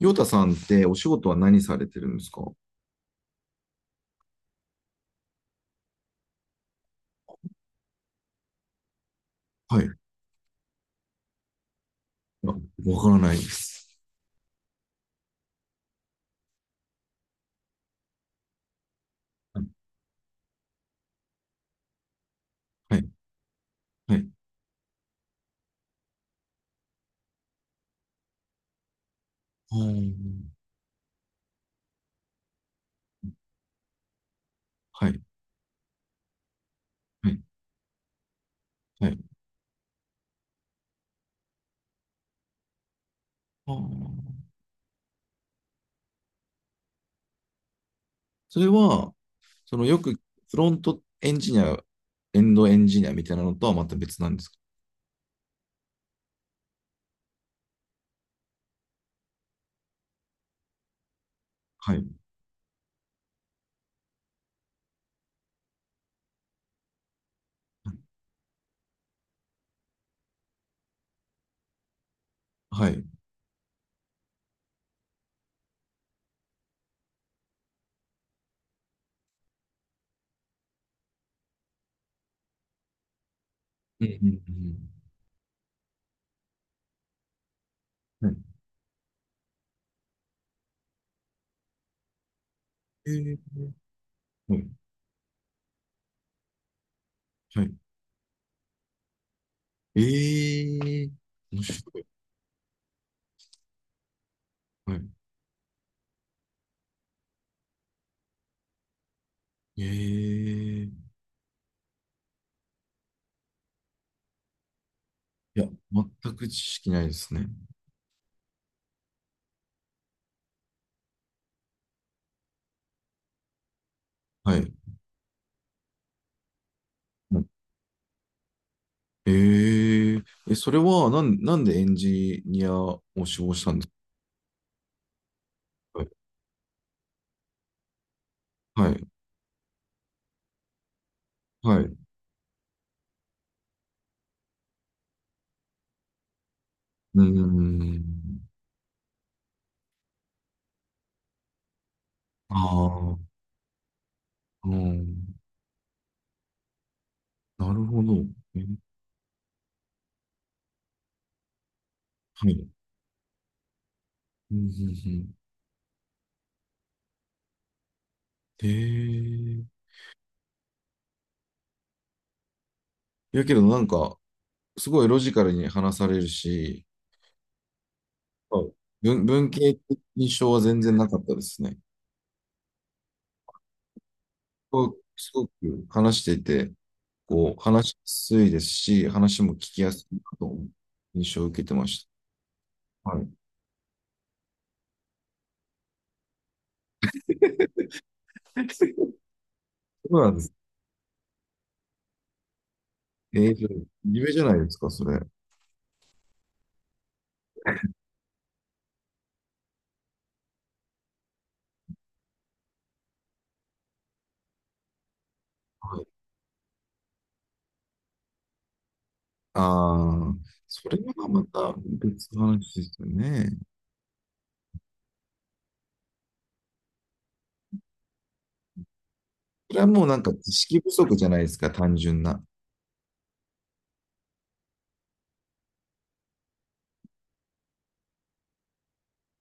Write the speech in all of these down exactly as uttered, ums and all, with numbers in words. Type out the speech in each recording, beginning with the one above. ヨタさんってお仕事は何されてるんですか？はい。あ、わからないです。はい。はい。あー。はい。はい。はい。あー。それは、そのよくフロントエンジニア、エンドエンジニアみたいなのとはまた別なんですか？はい。はい。うんうんうん。はい。えー、はい。はい。えー、面白い。はい。えー、いや、全く知識ないですね。はい。えええ、それは、なん、なんでエンジニアを志望したんですか？はい、はい。うーん。ああ、うん。なるほど。え、はい。うん、うん、うん。ええ、いやけど、なんか、すごいロジカルに話されるし、はい、文、文系的印象は全然なかったですね。こうすごく話していて、こう、話しやすいですし、話も聞きやすいなと、印象を受けてました。はい。そうなんです。ええ、じゃあ夢じゃないですか、それ。はい。ああ、それはまた別の話ですよね。それはもうなんか知識不足じゃないですか、単純な。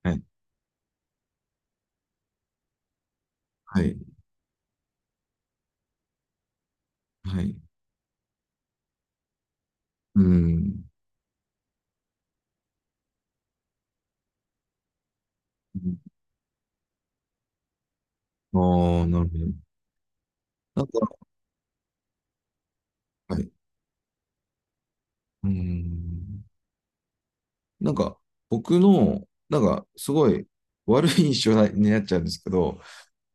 はい。はい。はい。うん。ああ、なるほど。なんか、はい。うん。なんか、僕の、なんか、すごい悪い印象になっちゃうんですけど、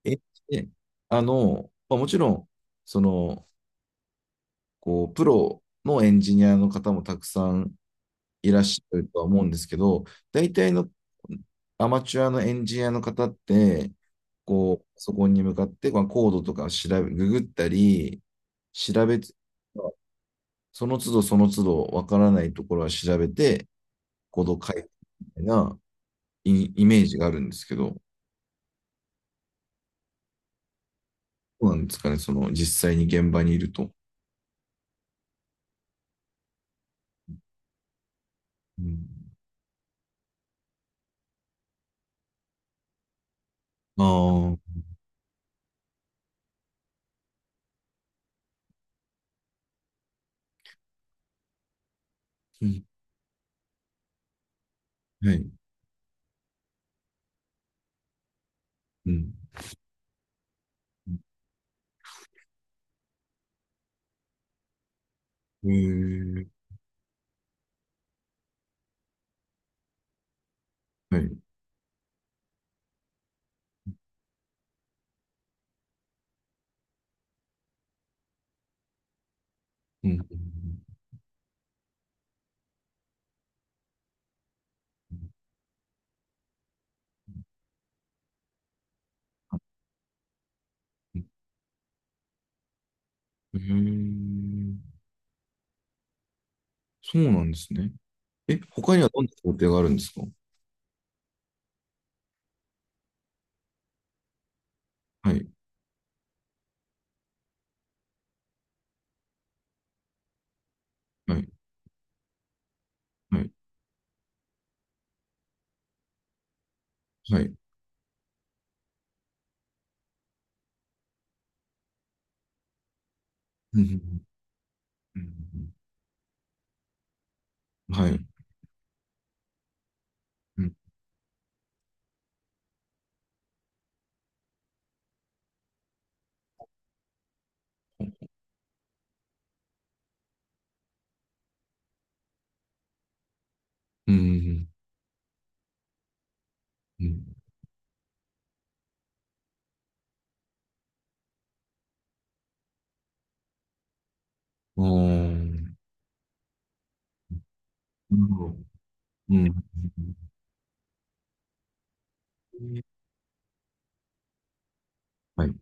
え、で、あの、まあ、もちろん、その、こう、プロのエンジニアの方もたくさんいらっしゃるとは思うんですけど、大体のアマチュアのエンジニアの方って、こう、パソコンに向かって、まあ、コードとかを調べ、ググったり、調べつ、その都度その都度わからないところは調べて、コードを書いてみたいなイイメージがあるんですけど、どうなんですかね、その実際に現場にいると。うん、ああ、うん、はい。うん。へえ、はい。うん。へえ、そうなんですね。え、他にはどんな工程があるんですか？はい、はい、はい、はい。うん、うん、うんはい。うん、うん、うん。うん。あー、なるほど、うん。はい。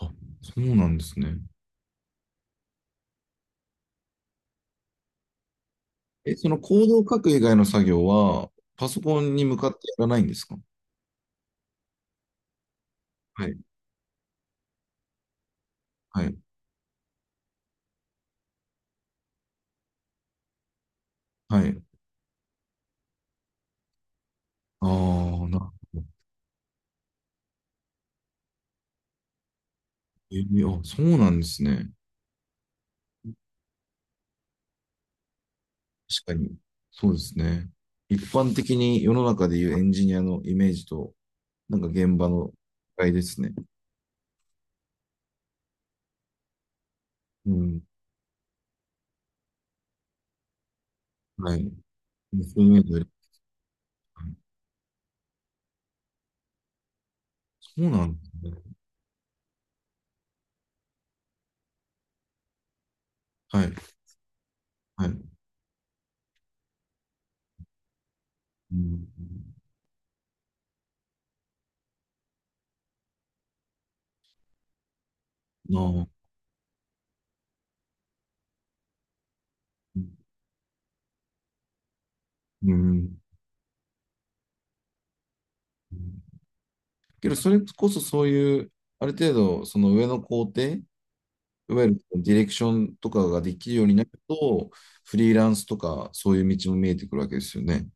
あ、そうなんですね。え、そのコードを書く以外の作業は、パソコンに向かってやらないんですか？はい、はい、はい。ああ、な、えーあ、そうなんですね。確かに。そうですね。一般的に世の中でいうエンジニアのイメージとなんか現場の機会ですね。うん。はい。そういうので、そうなんですね。はい。はい。うん。なあ。うん。けど、それこそそういう、ある程度、その上の工程、いわゆるディレクションとかができるようになると、フリーランスとか、そういう道も見えてくるわけですよね。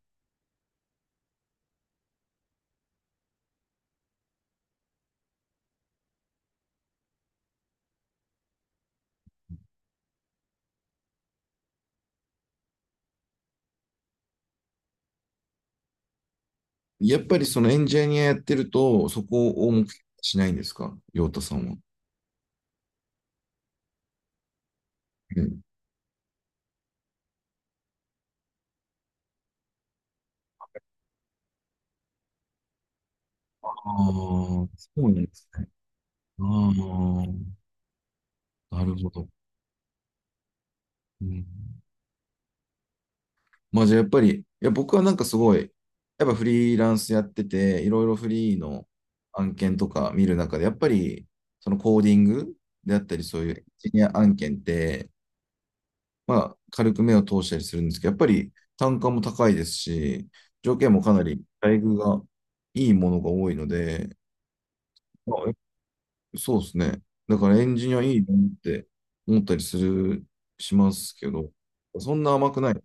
やっぱりそのエンジニアやってると、そこを目標にしないんですか、陽太さんは？うん、ああ、そうなんですね。ああ、なるほど。うん。まあじゃあやっぱり、いや僕はなんかすごい、やっぱフリーランスやってて、いろいろフリーの案件とか見る中で、やっぱりそのコーディングであったり、そういうエンジニア案件って、まあ軽く目を通したりするんですけど、やっぱり単価も高いですし、条件もかなり待遇がいいものが多いので、まあ、そうですね。だからエンジニアいいなって思ったりする、しますけど、そんな甘くない。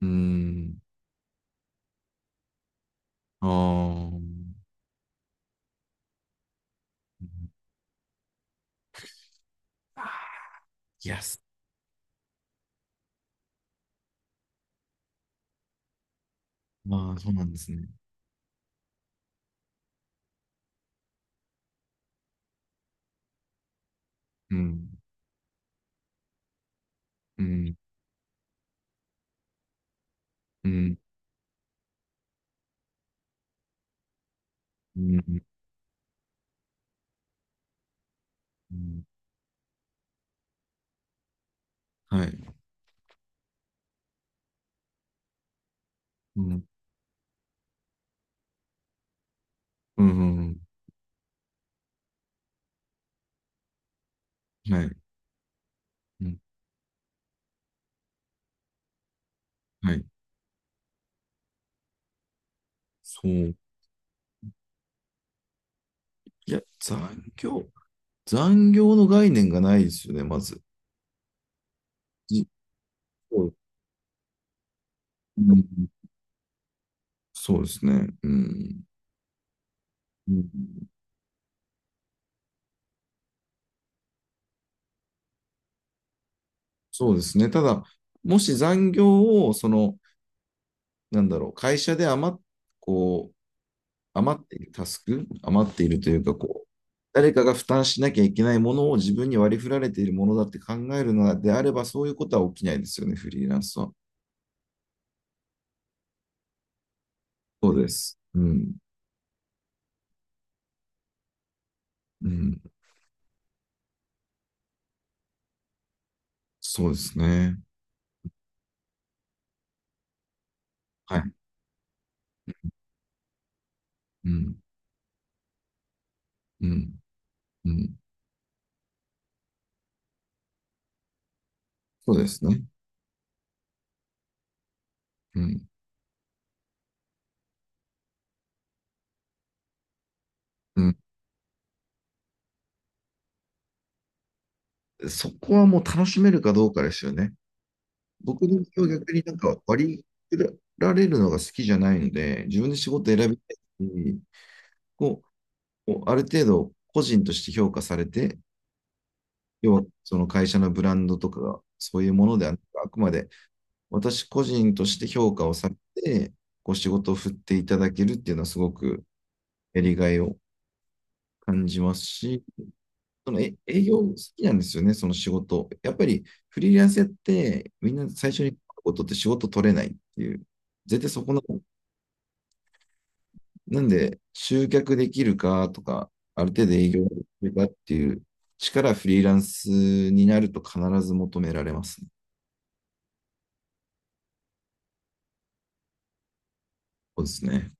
うん。ああ、あいや、すまあ、そうなんですね。うん、うん、うん、うん、うん、はい、うん、うん、うん、はい、うん、はい、そう。いや、残業、残業の概念がないですよね、まず。じそう、うん、そうですね、うん、うん、そうですね。ただ、もし残業を、その、なんだろう、会社で余っ、こう、余っているタスク、余っているというか、こう、誰かが負担しなきゃいけないものを自分に割り振られているものだって考えるのであれば、そういうことは起きないですよね、フリーランスは。そうです。うん。うん。そうですね。はい。うん。うん。うん。そうですね。うん。うん。そこはもう楽しめるかどうかですよね。僕の今日逆になんか割り振られるのが好きじゃないので、自分で仕事選びたいし、こう、こうある程度個人として評価されて、要はその会社のブランドとかがそういうものではなく、あくまで私個人として評価をされて、こう仕事を振っていただけるっていうのはすごくやりがいを感じますし、その営業好きなんですよね、その仕事。やっぱりフリーランスやってみんな最初にことって仕事取れないっていう。絶対そこの、なんで集客できるかとか、ある程度営業できるかっていう力はフリーランスになると必ず求められますね。そうですね。